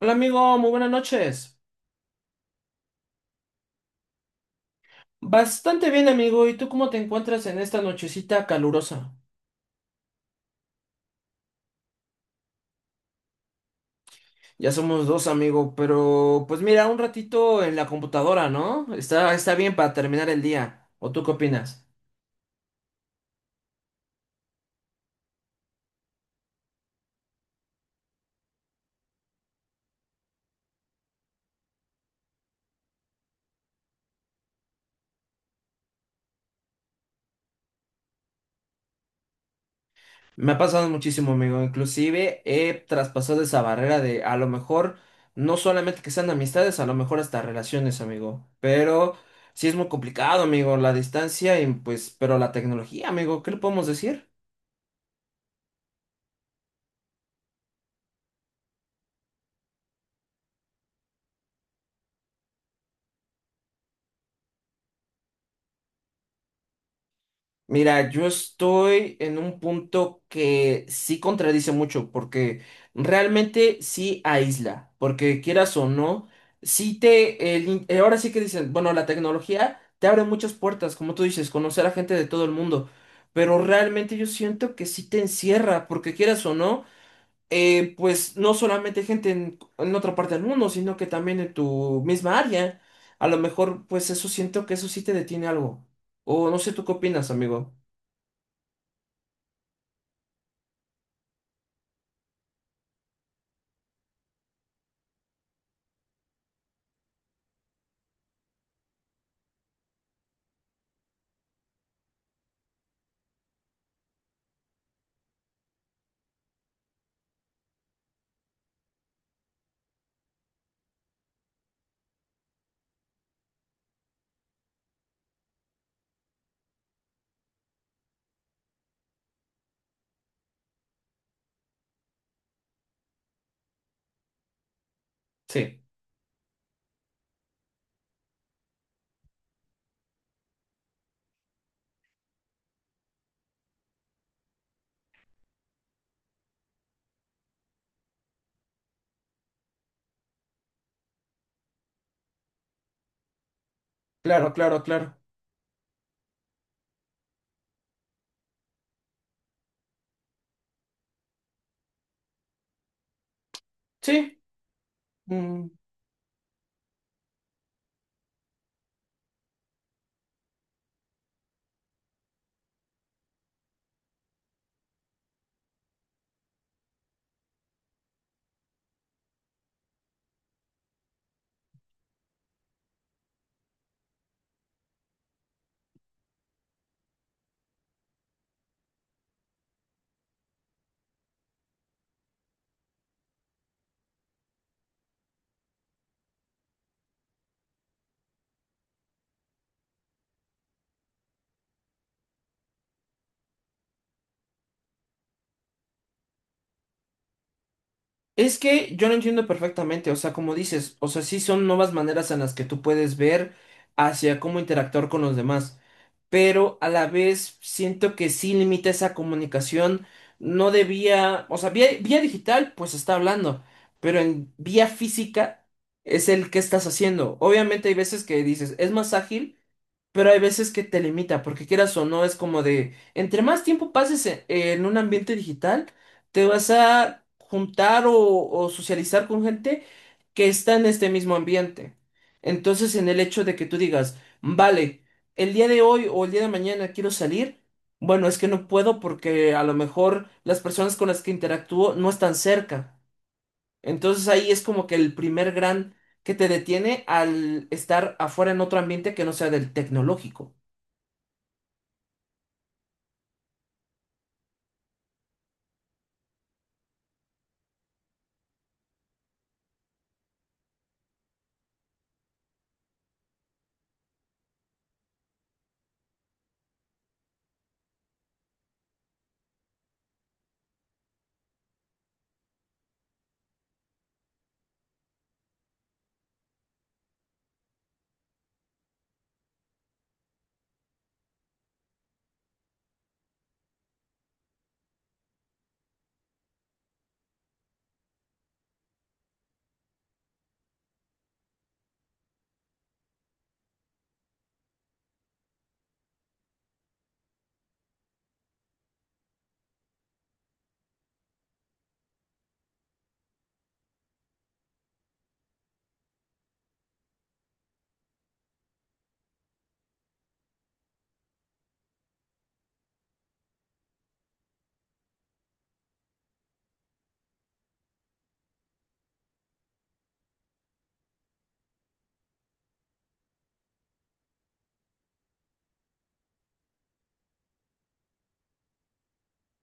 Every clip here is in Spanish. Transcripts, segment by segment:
Hola amigo, muy buenas noches. Bastante bien amigo, ¿y tú cómo te encuentras en esta nochecita calurosa? Ya somos dos amigo, pero pues mira, un ratito en la computadora, ¿no? Está bien para terminar el día. ¿O tú qué opinas? Me ha pasado muchísimo amigo, inclusive he traspasado esa barrera de a lo mejor no solamente que sean amistades, a lo mejor hasta relaciones amigo, pero sí es muy complicado amigo, la distancia y pues, pero la tecnología amigo, ¿qué le podemos decir? Mira, yo estoy en un punto que sí contradice mucho, porque realmente sí aísla, porque quieras o no, sí te, ahora sí que dicen, bueno, la tecnología te abre muchas puertas, como tú dices, conocer a gente de todo el mundo, pero realmente yo siento que sí te encierra, porque quieras o no, pues no solamente gente en, otra parte del mundo, sino que también en tu misma área, a lo mejor pues eso siento que eso sí te detiene algo, o no sé, ¿tú qué opinas, amigo? Sí, claro, claro, claro. Sí, mm, es que yo lo entiendo perfectamente, o sea, como dices, o sea, sí son nuevas maneras en las que tú puedes ver hacia cómo interactuar con los demás, pero a la vez siento que sí limita esa comunicación, no debía, o sea, vía digital, pues está hablando, pero en vía física es el que estás haciendo. Obviamente hay veces que dices, es más ágil. Pero hay veces que te limita, porque quieras o no, es como de, entre más tiempo pases en un ambiente digital, te vas a juntar o socializar con gente que está en este mismo ambiente. Entonces, en el hecho de que tú digas, vale, el día de hoy o el día de mañana quiero salir, bueno, es que no puedo porque a lo mejor las personas con las que interactúo no están cerca. Entonces ahí es como que el primer gran que te detiene al estar afuera en otro ambiente que no sea del tecnológico.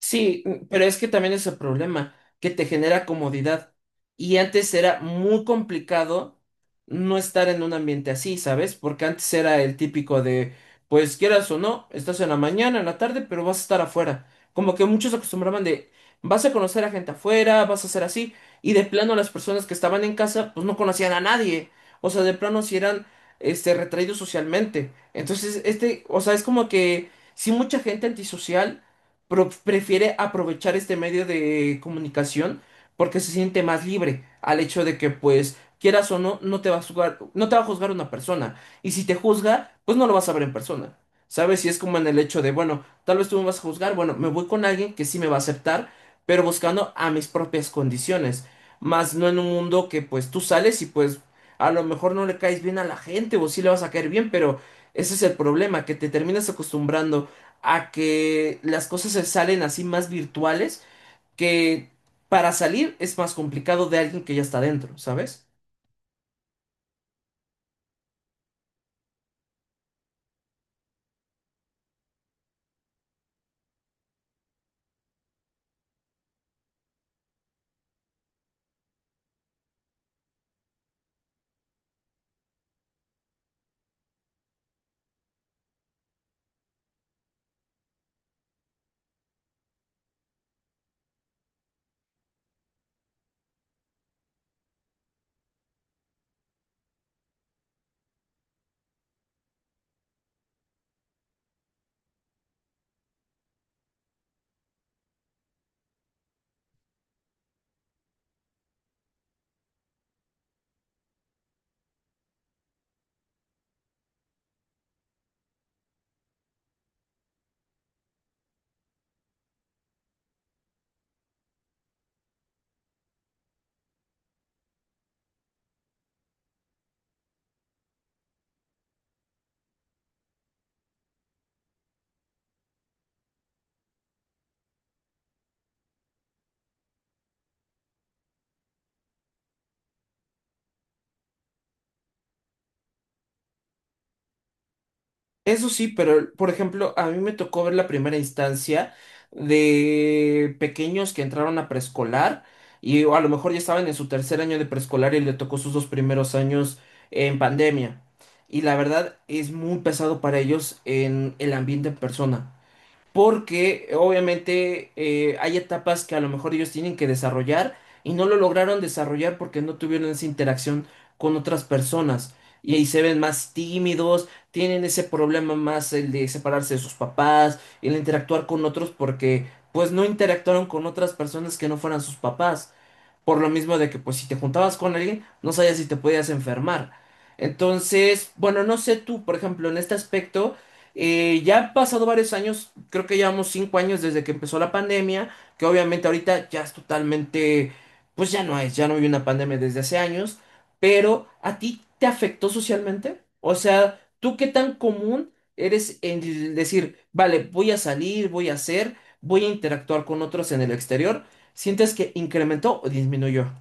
Sí, pero es que también es el problema, que te genera comodidad. Y antes era muy complicado no estar en un ambiente así, ¿sabes? Porque antes era el típico de, pues quieras o no, estás en la mañana, en la tarde, pero vas a estar afuera. Como que muchos acostumbraban de, vas a conocer a gente afuera, vas a ser así. Y de plano las personas que estaban en casa, pues no conocían a nadie. O sea, de plano si eran, este, retraídos socialmente. Entonces, este, o sea, es como que, sí, mucha gente antisocial prefiere aprovechar este medio de comunicación porque se siente más libre al hecho de que pues quieras o no, no te va a juzgar, no te va a juzgar una persona. Y si te juzga, pues no lo vas a ver en persona. ¿Sabes? Y es como en el hecho de, bueno, tal vez tú me vas a juzgar, bueno, me voy con alguien que sí me va a aceptar, pero buscando a mis propias condiciones. Más no en un mundo que pues tú sales y pues a lo mejor no le caes bien a la gente o sí le vas a caer bien, pero ese es el problema, que te terminas acostumbrando a que las cosas se salen así más virtuales, que para salir es más complicado de alguien que ya está dentro, ¿sabes? Eso sí, pero por ejemplo, a mí me tocó ver la primera instancia de pequeños que entraron a preescolar y o a lo mejor ya estaban en su tercer año de preescolar y le tocó sus dos primeros años en pandemia. Y la verdad es muy pesado para ellos en el ambiente en persona. Porque obviamente hay etapas que a lo mejor ellos tienen que desarrollar y no lo lograron desarrollar porque no tuvieron esa interacción con otras personas. Y ahí se ven más tímidos, tienen ese problema más el de separarse de sus papás, el interactuar con otros porque pues no interactuaron con otras personas que no fueran sus papás. Por lo mismo de que pues si te juntabas con alguien, no sabías si te podías enfermar. Entonces, bueno, no sé tú, por ejemplo, en este aspecto, ya han pasado varios años, creo que llevamos 5 años desde que empezó la pandemia, que obviamente ahorita ya es totalmente, pues ya no es, ya no hay una pandemia desde hace años, pero ¿a ti te afectó socialmente? O sea, ¿tú qué tan común eres en decir, vale, voy a salir, voy a hacer, voy a interactuar con otros en el exterior? ¿Sientes que incrementó o disminuyó?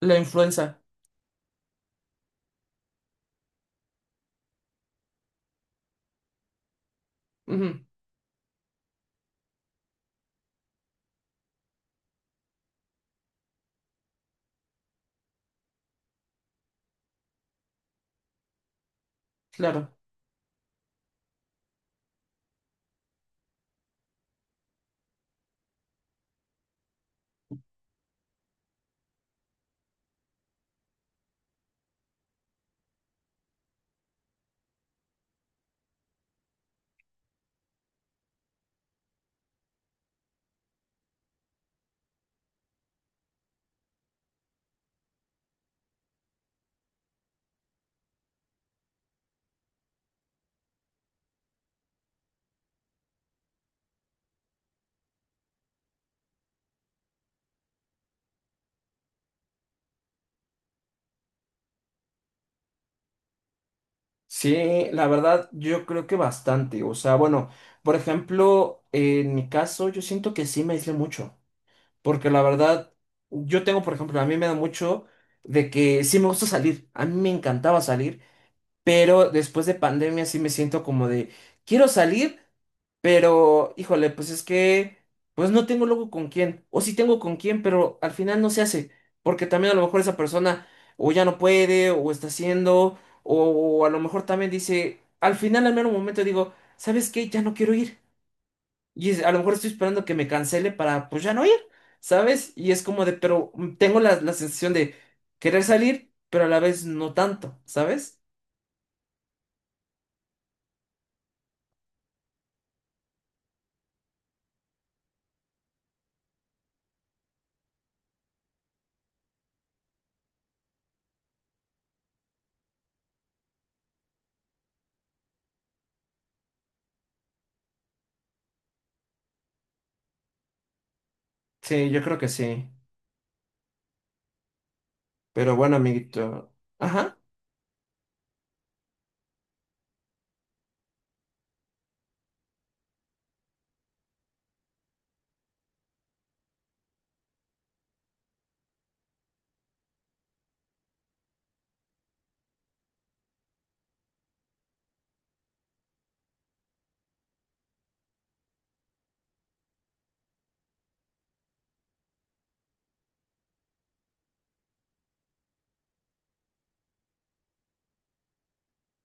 La influenza. Ujú, claro. Sí, la verdad, yo creo que bastante. O sea, bueno, por ejemplo, en mi caso, yo siento que sí me aislé mucho. Porque la verdad, yo tengo, por ejemplo, a mí me da mucho de que sí me gusta salir. A mí me encantaba salir. Pero después de pandemia sí me siento como de, quiero salir, pero, híjole, pues es que, pues no tengo luego con quién, o sí tengo con quién, pero al final no se hace, porque también a lo mejor esa persona o ya no puede, o está haciendo, o, a lo mejor también dice, al final al mero momento digo, ¿sabes qué? Ya no quiero ir. A lo mejor estoy esperando que me cancele para, pues ya no ir, ¿sabes? Y es como de, pero tengo la sensación de querer salir, pero a la vez no tanto, ¿sabes? Sí, yo creo que sí. Pero bueno, amiguito. Ajá.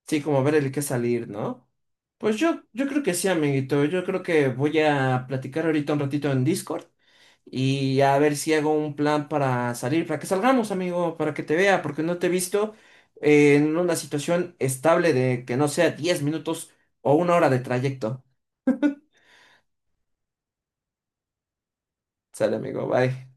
Sí, como ver el que salir, ¿no? Pues yo creo que sí, amiguito. Yo creo que voy a platicar ahorita un ratito en Discord y a ver si hago un plan para salir, para que salgamos, amigo, para que te vea, porque no te he visto en una situación estable de que no sea 10 minutos o 1 hora de trayecto. Sale, amigo, bye.